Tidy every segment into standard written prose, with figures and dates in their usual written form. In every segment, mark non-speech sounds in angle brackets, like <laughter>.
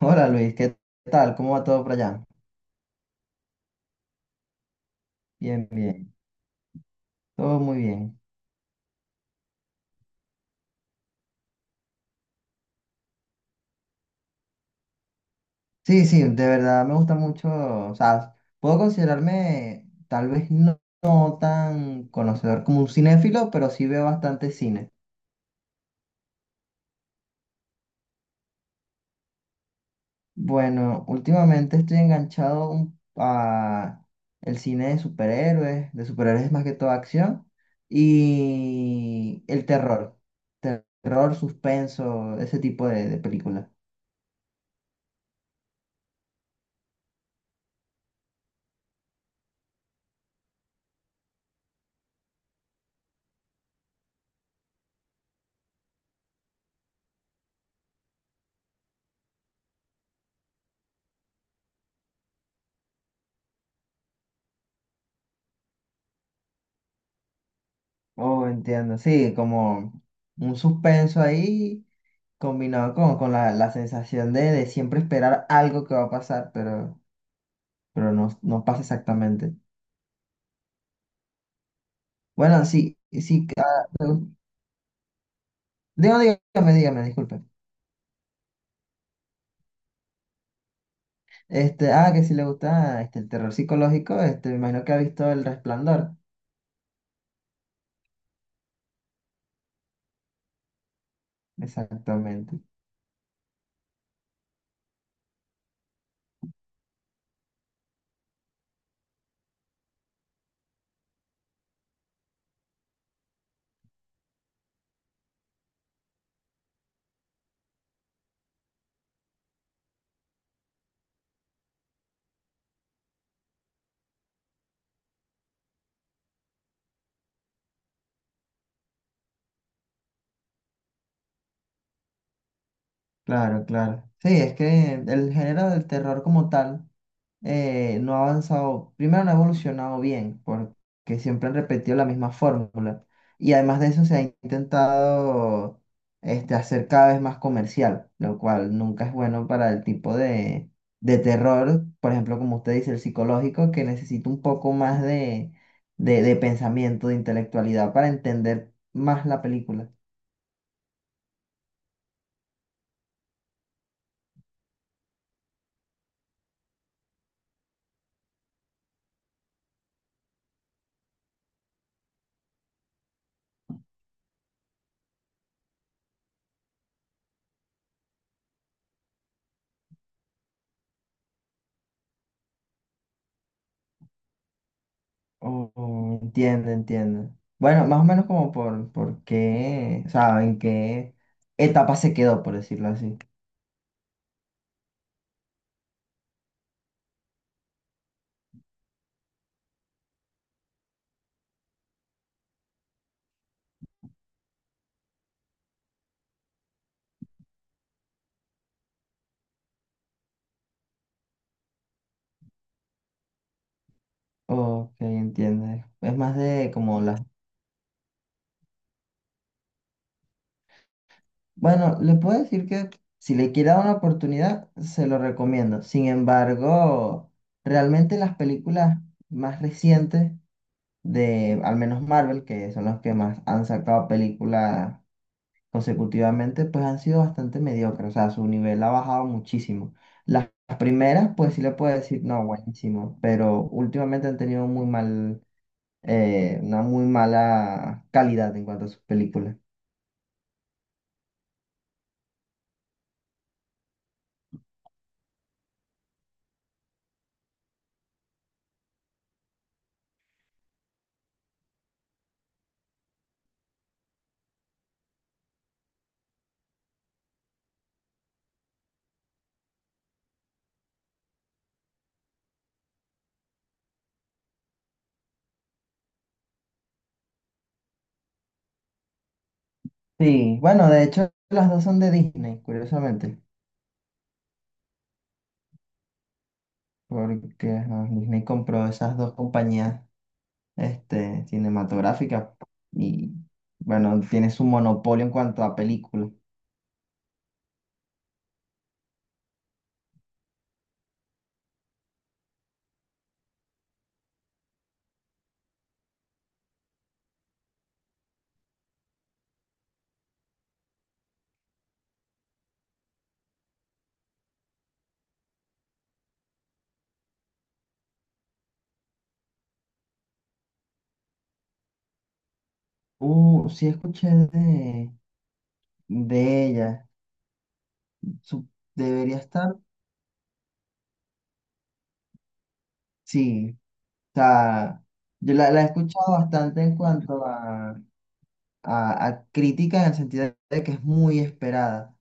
Hola Luis, ¿qué tal? ¿Cómo va todo por allá? Bien, bien, todo muy bien. Sí, sí, de verdad me gusta mucho, o sea, puedo considerarme tal vez no, no tan conocedor como un cinéfilo, pero sí veo bastante cine. Bueno, últimamente estoy enganchado a el cine de superhéroes más que todo acción, y el terror, terror, suspenso, ese tipo de películas. Oh, entiendo. Sí, como un suspenso ahí combinado con la sensación de siempre esperar algo que va a pasar, pero no, no pasa exactamente. Bueno, sí, sí. Digo, dígame, dígame, disculpe. Que si le gusta este, el terror psicológico, este, me imagino que ha visto El Resplandor. Exactamente. Claro, claro. Sí, es que el género del terror como tal no ha avanzado, primero no ha evolucionado bien, porque siempre han repetido la misma fórmula. Y además de eso se ha intentado este, hacer cada vez más comercial, lo cual nunca es bueno para el tipo de terror, por ejemplo, como usted dice, el psicológico, que necesita un poco más de, de pensamiento, de intelectualidad para entender más la película. Oh, entiendo, entiendo. Bueno, más o menos como por qué, o sea, en qué etapa se quedó, por decirlo así. Ok, entiendo. Es más de como la... Bueno, le puedo decir que si le quiere dar una oportunidad, se lo recomiendo. Sin embargo, realmente las películas más recientes de, al menos Marvel, que son las que más han sacado películas consecutivamente, pues han sido bastante mediocres, o sea, su nivel ha bajado muchísimo. Las primeras, pues sí le puedo decir, no, buenísimo, pero últimamente han tenido muy mal, una muy mala calidad en cuanto a sus películas. Sí, bueno, de hecho, las dos son de Disney, curiosamente, porque ajá, Disney compró esas dos compañías, este, cinematográficas y, bueno, tiene su monopolio en cuanto a películas. Sí escuché de ella. su- Debería estar, sí, o sea, yo la he escuchado bastante en cuanto a, a crítica en el sentido de que es muy esperada.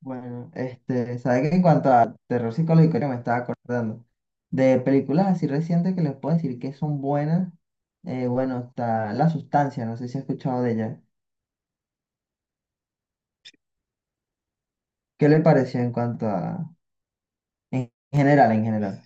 Bueno, este, sabes que en cuanto a terror psicológico, ahorita me estaba acordando de películas así recientes que les puedo decir que son buenas. Bueno, está La Sustancia, no sé si has escuchado de ella. ¿Qué le pareció en cuanto a, en general, en general?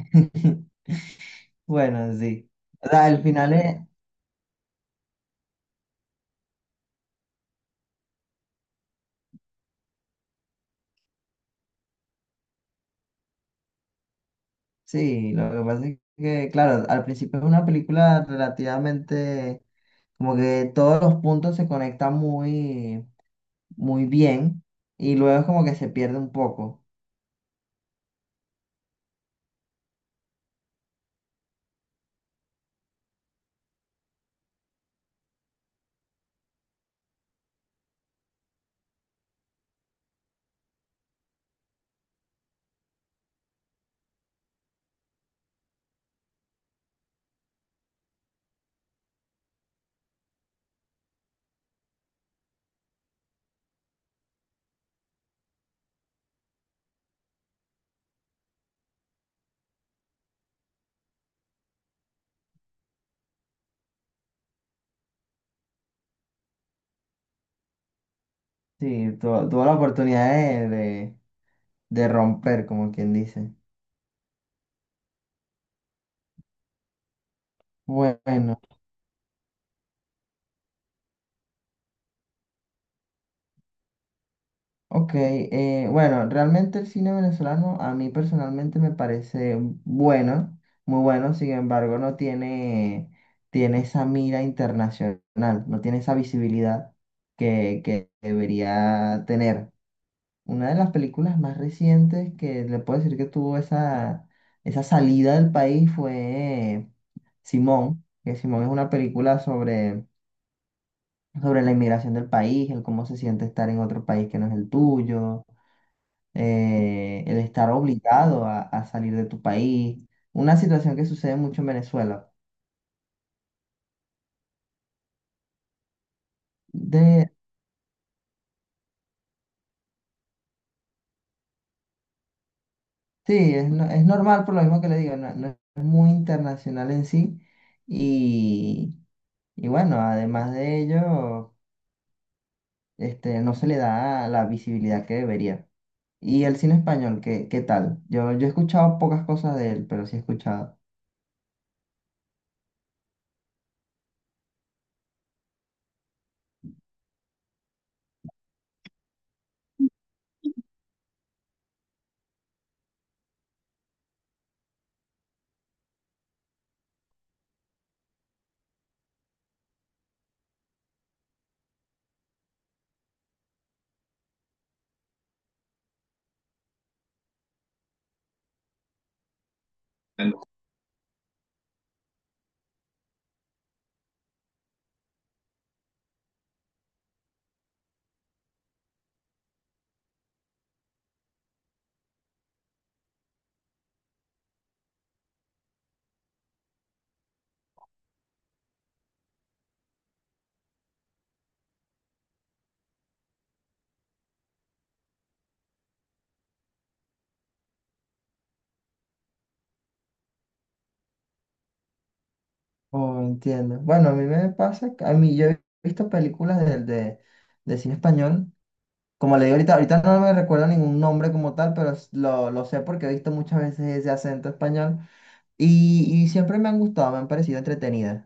<laughs> Bueno, sí. O sea, el final es, sí, lo que pasa es que, claro, al principio es una película relativamente, como que todos los puntos se conectan muy, muy bien y luego es como que se pierde un poco. Sí, tuvo la oportunidad de romper, como quien dice. Bueno, ok, bueno, realmente el cine venezolano a mí personalmente me parece bueno, muy bueno, sin embargo no tiene, tiene esa mira internacional, no tiene esa visibilidad que debería tener. Una de las películas más recientes que le puedo decir que tuvo esa, esa salida del país fue Simón, que Simón es una película sobre, sobre la inmigración del país, el cómo se siente estar en otro país que no es el tuyo. El estar obligado a salir de tu país, una situación que sucede mucho en Venezuela. De, sí, es, es normal por lo mismo que le digo, no, no es muy internacional en sí y, y bueno, además de ello, este, no se le da la visibilidad que debería. ¿Y el cine español, qué, qué tal? Yo he escuchado pocas cosas de él, pero sí he escuchado. Oh, entiendo. Bueno, a mí me pasa, a mí yo he visto películas de cine español. Como le digo ahorita, ahorita no me recuerdo ningún nombre como tal, pero lo sé porque he visto muchas veces ese acento español y siempre me han gustado, me han parecido entretenidas.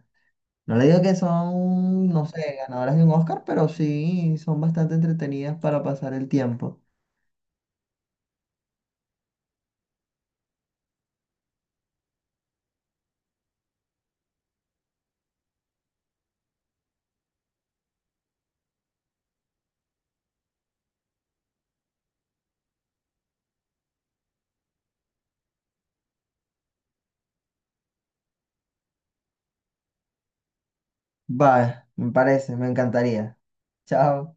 No le digo que son, no sé, ganadoras de un Oscar, pero sí son bastante entretenidas para pasar el tiempo. Va, me parece, me encantaría. Chao.